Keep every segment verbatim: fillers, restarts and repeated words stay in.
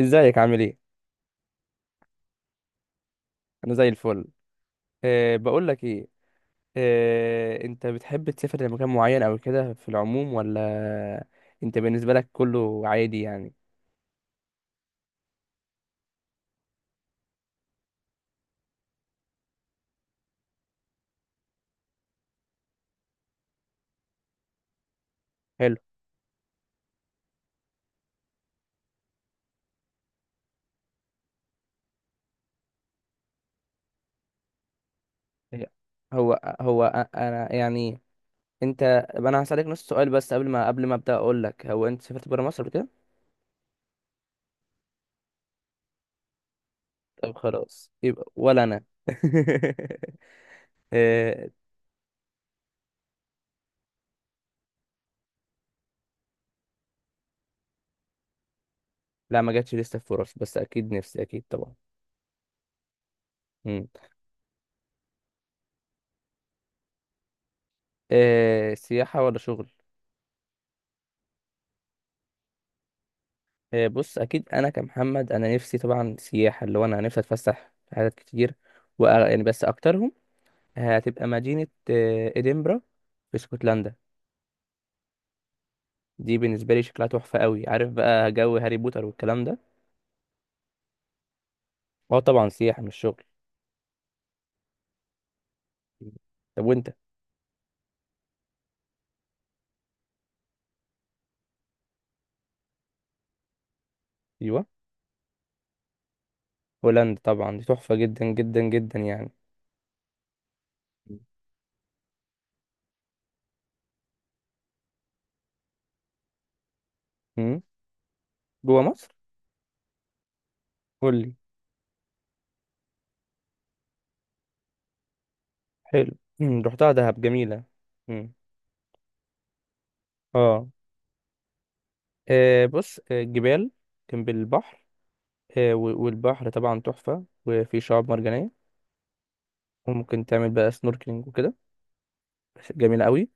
ازيك عامل ايه؟ انا زي الفل. أه، بقول لك ايه. أه، انت بتحب تسافر لمكان معين او كده في العموم ولا انت بالنسبه لك كله عادي يعني؟ حلو. هي- هو هو أ- انا يعني. انت. انا هسالك نص سؤال بس قبل ما قبل ما ابدا اقول لك، هو انت سافرت بره مصر قبل كده؟ طب خلاص يبقى ولا انا أه. لا ما جاتش لسه فرص، بس اكيد نفسي، اكيد طبعا. مم. أه، سياحه ولا شغل؟ آه، بص اكيد انا كمحمد انا نفسي طبعا سياحه، اللي هو انا نفسي اتفسح في حاجات كتير. و يعني بس اكترهم هتبقى مدينه آه، ادنبرا في اسكتلندا. دي بالنسبه لي شكلها تحفه قوي، عارف بقى جو هاري بوتر والكلام ده. هو طبعا سياحه مش شغل. طب وانت؟ ايوه. هولندا طبعا دي تحفه جدا جدا جدا يعني. مم. جوه مصر؟ قول لي. حلو. مم. رحتها دهب جميله. مم. اه. آه، بص، آه، جبال جنب البحر، آه، و- والبحر طبعا تحفة وفي شعاب مرجانية. وممكن تعمل بقى سنوركلينج وكده، بس جميلة قوي.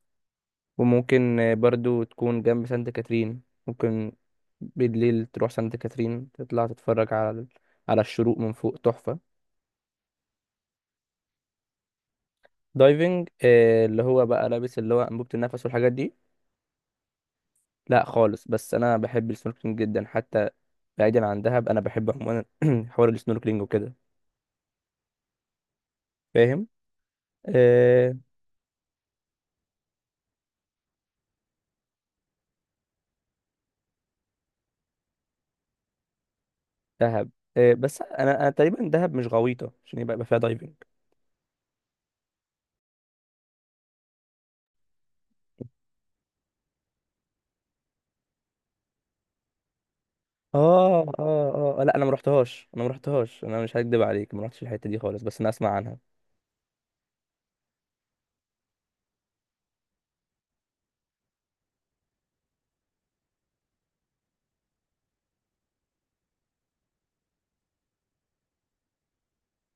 وممكن آه، برضو تكون جنب سانت كاترين. ممكن بالليل تروح سانت كاترين تطلع تتفرج على ال- على الشروق من فوق، تحفة. دايفنج؟ آه، اللي هو بقى لابس اللي هو أنبوبة النفس والحاجات دي. لا خالص، بس أنا بحب السنوركلينج جدا حتى، بعيدا عن دهب أنا بحب عموما حوار السنوركلينج وكده، فاهم. آه. دهب، إيه، بس انا انا تقريبا دهب مش غويطه عشان يبقى يبقى فيها دايفنج. اه اه اه، لا انا ما رحتهاش، انا ما رحتهاش انا مش هكدب عليك، ما رحتش الحته دي خالص، بس انا اسمع عنها.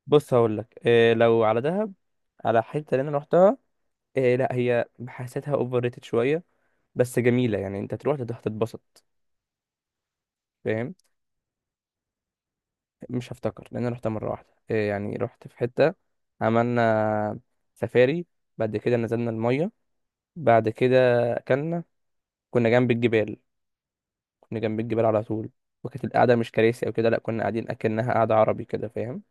بص هقول لك إيه، لو على دهب، على حته اللي انا رحتها، إيه لا هي حسيتها اوفر ريتد شويه، بس جميله يعني انت تروح تت- هتتبسط، فاهم. مش هفتكر لان انا رحتها مره واحده، إيه يعني، رحت في حته، عملنا سفاري، بعد كده نزلنا الميه، بعد كده اكلنا، كنا جنب الجبال، كنا جنب الجبال على طول. وكانت القعدة مش كراسي أو كده، لأ كنا قاعدين أكنها قعدة عربي كده، فاهم.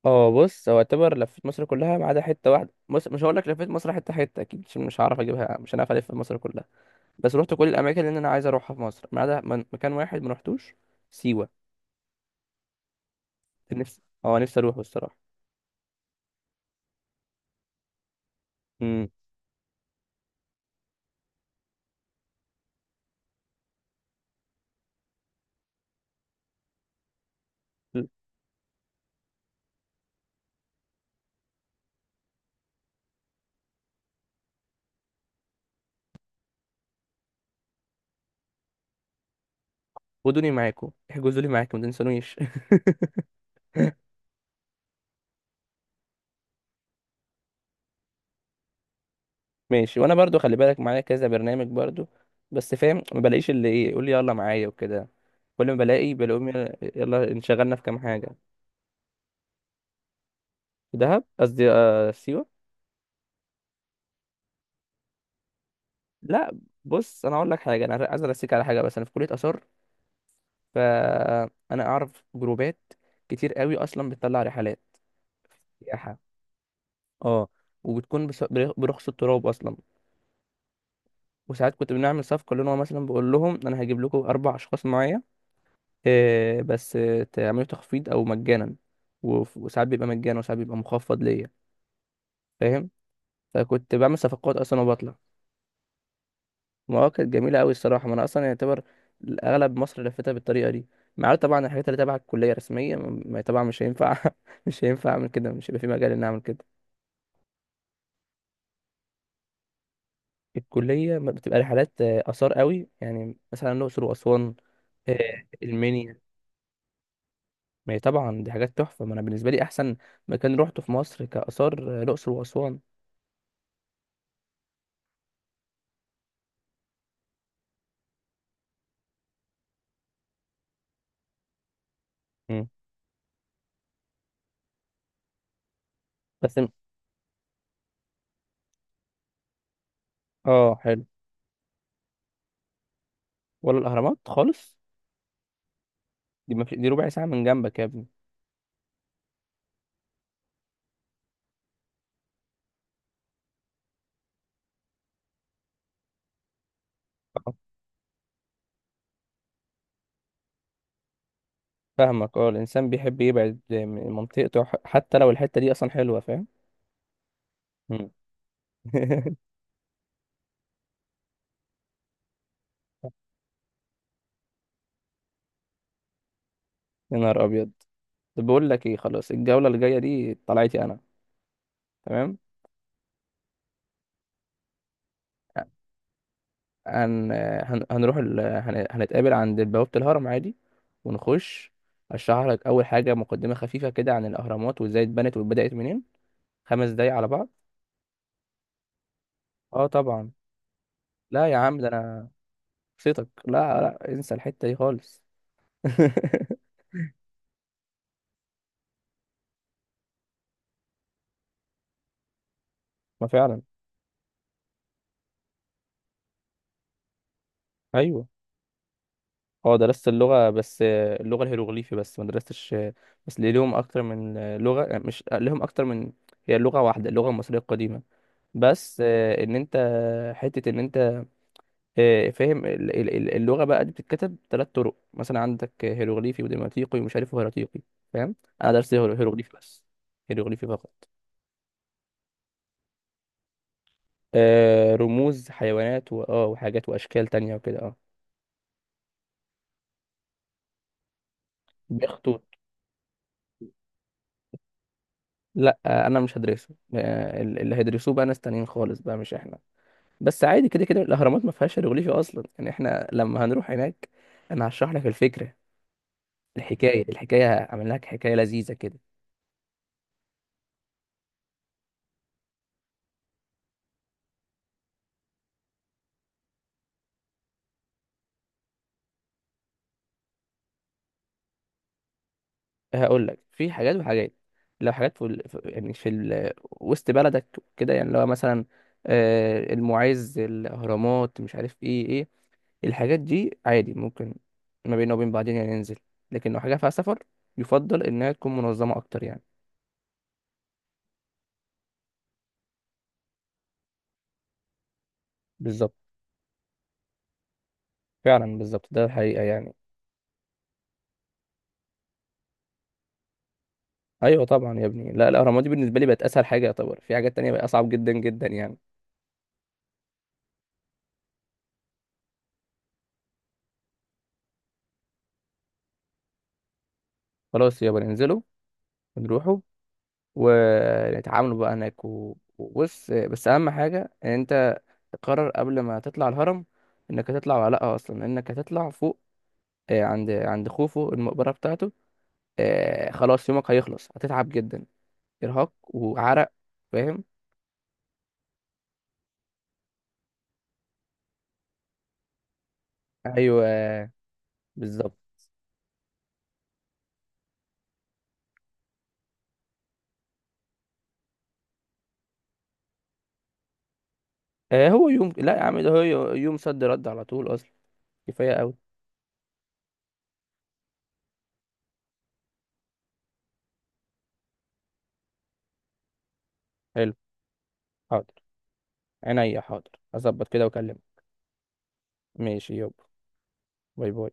اه بص، هو اعتبر لفيت مصر كلها ما عدا حتة واحدة. بص مش هقول لك لفيت مصر حتة حتة، أكيد مش مش هعرف أجيبها، مش هنعرف ألف مصر كلها. بس رحت كل الأماكن اللي أنا عايز أروحها في مصر ما عدا من- مكان واحد ما رحتوش. سيوة. نفسي اه نفسي أروحه الصراحة. امم. خدوني معاكم، احجزوا لي معاكم، ما تنسونيش ماشي، وانا برضو خلي بالك معايا كذا برنامج برضو، بس فاهم ما بلاقيش اللي ايه، يقول لي يلا معايا وكده. كل ما بلاقي بلاقيهم يلا يلا، انشغلنا في كام حاجه. دهب، قصدي آه سيوه. لا، بص انا اقول لك حاجه، انا عايز ارسيك على حاجه، بس انا في كليه اثار، فانا اعرف جروبات كتير قوي اصلا بتطلع رحلات سياحه، اه، وبتكون بس- برخص التراب اصلا. وساعات كنت بنعمل صفقه، اللي هو مثلا بقول لهم انا هجيب لكم اربع اشخاص معايا، آه، بس آه، تعمله تخفيض او مجانا. وف- وساعات بيبقى مجانا وساعات بيبقى مخفض ليا، فاهم. فكنت بعمل صفقات اصلا وبطلع. المواقع كانت جميله قوي الصراحه. ما انا اصلا يعتبر اغلب مصر لفتها بالطريقه دي، مع طبعا الحاجات اللي تبع الكليه رسميه، م- ما طبعا مش هينفع مش هينفع اعمل كده، مش هيبقى في مجال ان اعمل كده. الكليه ما بتبقى رحلات آه، اثار قوي، يعني مثلا الاقصر واسوان، آه، المنيا. ما هي طبعا دي حاجات تحفه. ما انا بالنسبه لي احسن مكان روحته في مصر كاثار آه، الاقصر واسوان. مم. بس اه حلو. ولا الاهرامات خالص؟ دي ما في، دي ربع ساعه من جنبك يا ابني. آه، فاهمك، اه الانسان بيحب يبعد من منطقته، ح- حتى لو الحته دي اصلا حلوه، فاهم. مم. يا نهار ابيض. طب بقول لك ايه، خلاص الجوله الجايه دي طلعتي انا. تمام. هن... هن... هنروح ال... هن... هنتقابل عند بوابه الهرم عادي، ونخش. اشرح لك اول حاجه مقدمه خفيفه كده عن الاهرامات وازاي اتبنت وبدات منين، خمس دقايق على بعض. اه طبعا. لا يا عم ده انا شخصيتك، لا لا انسى الحتة دي خالص ما فعلا. ايوه. اه درست اللغة، بس آه، اللغة الهيروغليفي بس، ما درستش آه، بس ليه، لهم اكتر من آه، لغة، آه، مش آه، لهم اكتر من. هي لغة واحدة، اللغة المصرية القديمة، بس آه، ان انت حتة ان انت آه، فاهم ال- ال- ال- اللغة بقى دي بتتكتب ثلاث طرق، مثلا عندك آه، هيروغليفي وديماتيقي ومش عارف هيراتيقي، فاهم. انا درست هيرو- هيروغليفي بس، هيروغليفي فقط. آه، رموز حيوانات و... اه وحاجات واشكال تانية وكده اه. بياخدوا، لا آه، انا مش هدرسه، آه، اللي هيدرسوه بقى ناس تانيين خالص بقى مش احنا. بس عادي كده كده الاهرامات ما فيهاش هيروغليفي اصلا، يعني احنا لما هنروح هناك انا هشرح لك الفكره، الحكايه، الحكايه هعمل لك حكايه لذيذه كده. هقول لك في حاجات وحاجات. لو حاجات في ال... في- يعني في ال... وسط بلدك كده، يعني لو مثلا آه، المعز، الاهرامات، مش عارف ايه ايه، الحاجات دي عادي ممكن ما بيننا وبين بعضين يعني ننزل. لكن لو حاجه فيها سفر يفضل انها تكون منظمه اكتر يعني. بالظبط. فعلا بالظبط ده الحقيقة يعني. ايوه طبعا يا ابني، لا الاهرامات دي بالنسبة لي بقت اسهل حاجة يعتبر، في حاجات تانية بقت اصعب جدا جدا يعني. خلاص يابا ننزلوا ونروحوا ونتعاملوا بقى هناك، و- وبص، بس اهم حاجة ان انت تقرر قبل ما تطلع الهرم انك هتطلع ولا لا، اصلا انك هتطلع فوق آه، عند عند خوفو، المقبرة بتاعته، آه، خلاص يومك هيخلص، هتتعب جدا، ارهاق وعرق، فاهم. ايوه بالظبط. آه، هو يوم، لا يا عم ده هو يوم صد رد على طول اصلا، كفاية أوي. حلو. حاضر، عينيا حاضر، أظبط كده وأكلمك. ماشي يابا، باي باي.